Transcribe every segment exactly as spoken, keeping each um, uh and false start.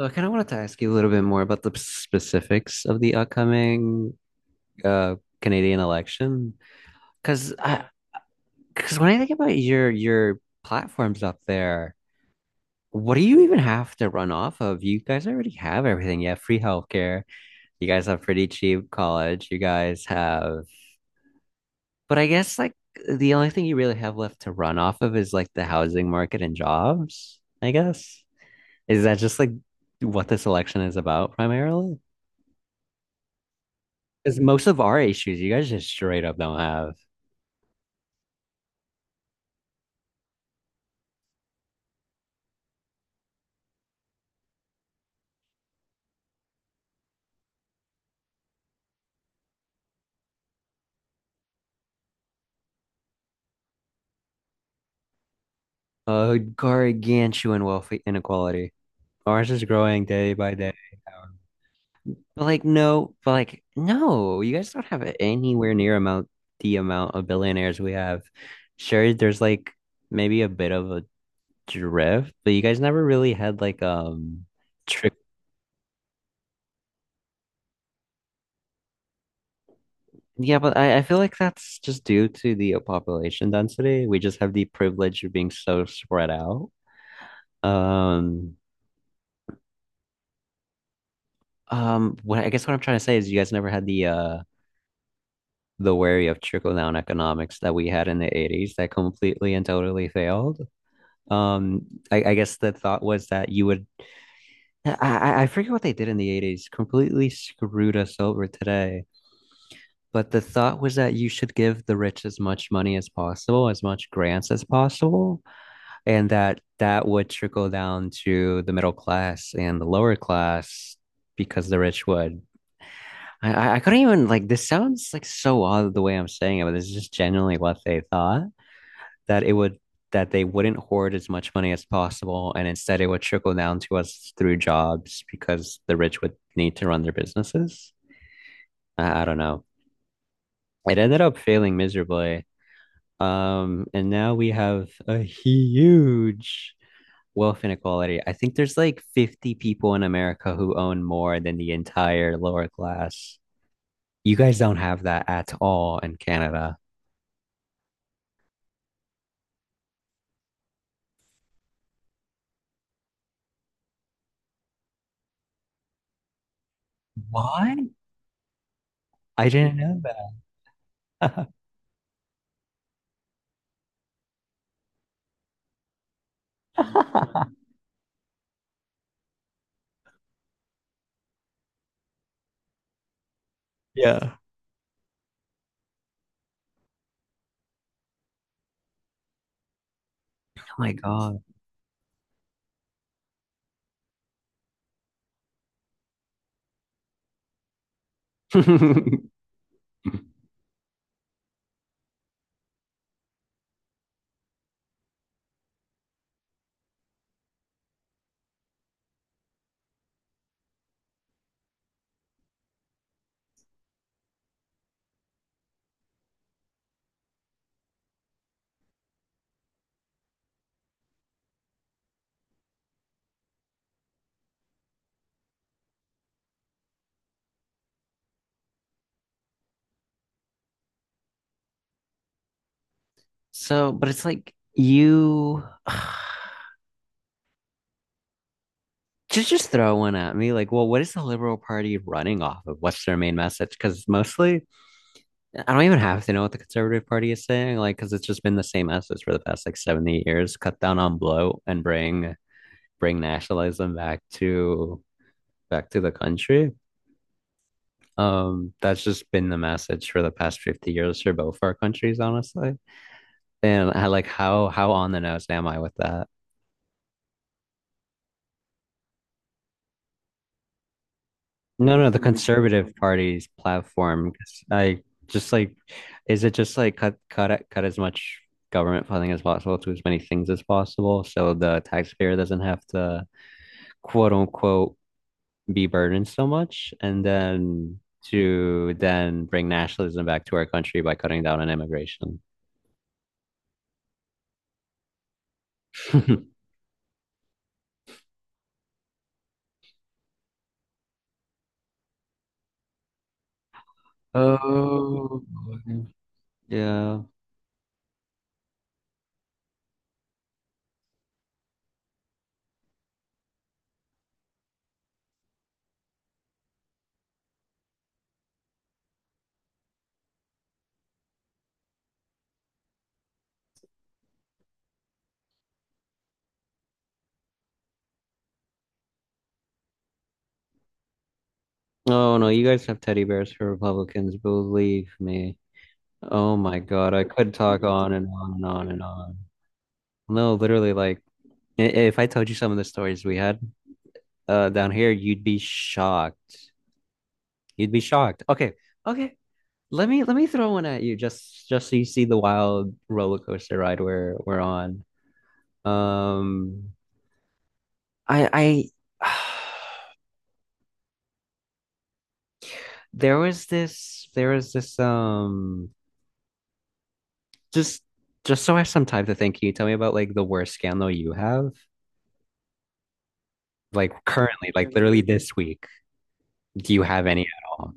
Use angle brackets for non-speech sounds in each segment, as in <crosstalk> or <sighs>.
So I kind of wanted to ask you a little bit more about the specifics of the upcoming uh, Canadian election, because because when I think about your your platforms up there, what do you even have to run off of? You guys already have everything. You have free healthcare. You guys have pretty cheap college. You guys have, but I guess like the only thing you really have left to run off of is like the housing market and jobs, I guess. Is that just like what this election is about primarily? Because most of our issues, you guys just straight up don't have a gargantuan wealth inequality. Ours is growing day by day. But like, no, but like, no, you guys don't have anywhere near amount the amount of billionaires we have. Sure, there's like maybe a bit of a drift, but you guys never really had like um trick. Yeah, but I, I feel like that's just due to the population density. We just have the privilege of being so spread out. Um, Um, what I guess what I'm trying to say is you guys never had the uh the worry of trickle down economics that we had in the eighties that completely and totally failed. Um, I, I guess the thought was that you would I, I I forget what they did in the eighties, completely screwed us over today. But the thought was that you should give the rich as much money as possible, as much grants as possible, and that that would trickle down to the middle class and the lower class because the rich would I, I I couldn't even like this sounds like so odd the way I'm saying it, but this is just genuinely what they thought that it would that they wouldn't hoard as much money as possible and instead it would trickle down to us through jobs because the rich would need to run their businesses. I, I don't know. It ended up failing miserably. Um, and now we have a huge wealth inequality. I think there's like fifty people in America who own more than the entire lower class. You guys don't have that at all in Canada. What? I didn't know that. <laughs> Yeah. Oh my God. <laughs> So, but it's like you <sighs> just just throw one at me. Like, well, what is the Liberal Party running off of? What's their main message? Because mostly, I don't even have to know what the Conservative Party is saying. Like, because it's just been the same message for the past like seventy years: cut down on bloat and bring bring nationalism back to back to the country. Um, that's just been the message for the past fifty years for both our countries, honestly. And I like how how on the nose am I with that? No, no, the Conservative Party's platform. 'Cause I just like, is it just like cut cut it- cut as much government funding as possible to as many things as possible, so the taxpayer doesn't have to quote unquote be burdened so much, and then to then bring nationalism back to our country by cutting down on immigration. <laughs> Oh, yeah. Oh no, you guys have teddy bears for Republicans. Believe me. Oh my God, I could talk on and on and on and on. No, literally, like i- if I told you some of the stories we had uh down here, you'd be shocked. You'd be shocked. Okay, okay. Let me let me throw one at you just just so you see the wild roller coaster ride we're we're on. Um, I I <sighs> there was this there was this um. Just just so I have some time to think, can you tell me about like the worst scandal you have? Like currently, like literally this week. Do you have any at all?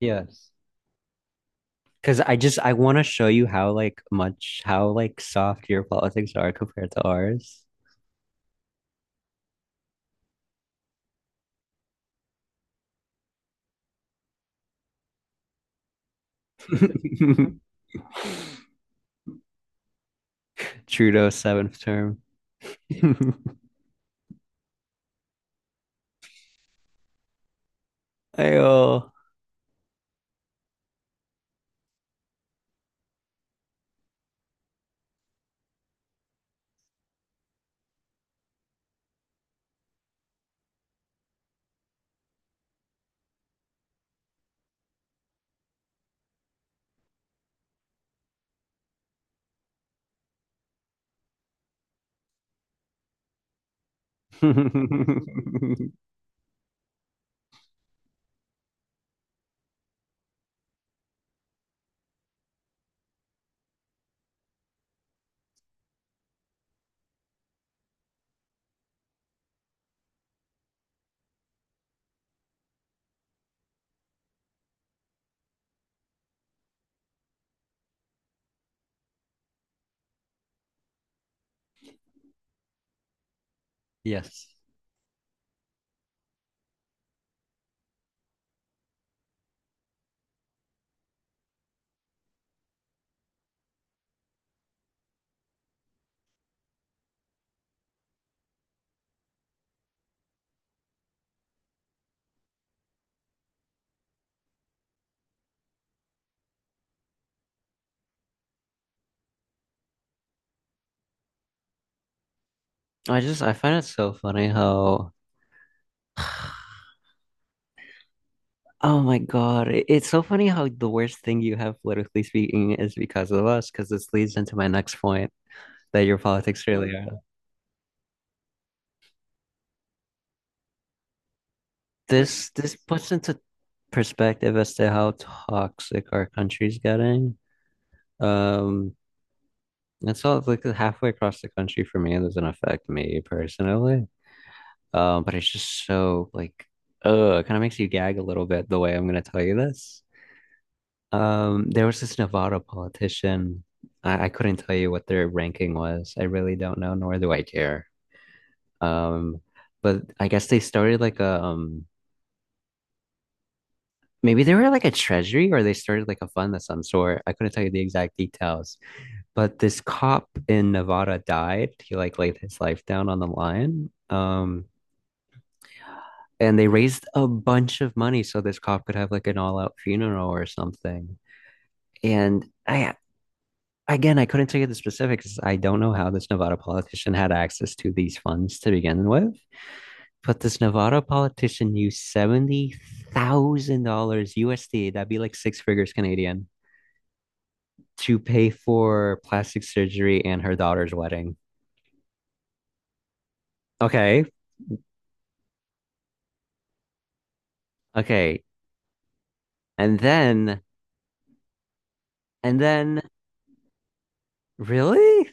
Yes. Because I just I want to show you how like much how like soft your politics are compared to ours. <laughs> Trudeau's seventh term. <laughs> Ayo. <laughs> Yes. I just I find it so funny how <sighs> Oh my God. It's so funny how the worst thing you have politically speaking is because of us, because this leads into my next point that your politics really are. This this puts into perspective as to how toxic our country's getting. Um, and so like halfway across the country for me, it doesn't affect me personally. Um, but it's just so like, uh, it kind of makes you gag a little bit the way I'm gonna tell you this. Um, there was this Nevada politician. I, I couldn't tell you what their ranking was. I really don't know, nor do I care. Um, but I guess they started like a um maybe they were like a treasury or they started like a fund of some sort. I couldn't tell you the exact details. But this cop in Nevada died. He like laid his life down on the line. Um and they raised a bunch of money so this cop could have like an all-out funeral or something. And I again, I couldn't tell you the specifics. I don't know how this Nevada politician had access to these funds to begin with, but this Nevada politician used seventy thousand dollars U S D. That'd be like six figures Canadian to pay for plastic surgery and her daughter's wedding. Okay, okay, and then and then really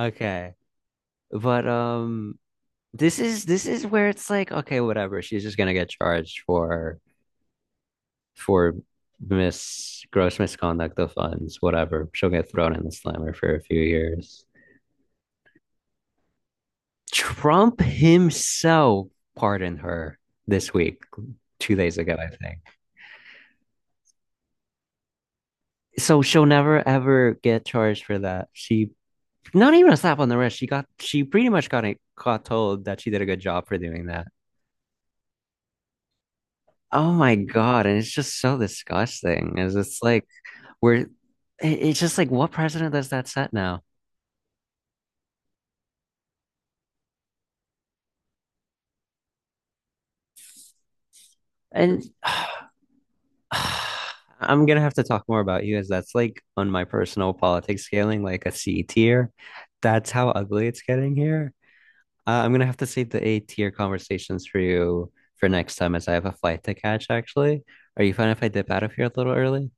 okay, but um this is this is where it's like, okay, whatever. She's just gonna get charged for for mis gross misconduct of funds, whatever. She'll get thrown in the slammer for a few years. Trump himself pardoned her this week, two days ago, I think. So she'll never ever get charged for that. She not even a slap on the wrist. She got she pretty much got it told that she did a good job for doing that. Oh my God. And it's just so disgusting. Is it's like where it- it's just like, what precedent does that set now? And <sighs> uh, I'm gonna have to talk more about you as that's like on my personal politics scaling, like a C tier. That's how ugly it's getting here. Uh, I'm gonna have to save the A tier conversations for you for next time, as I have a flight to catch, actually. Are you fine if I dip out of here a little early?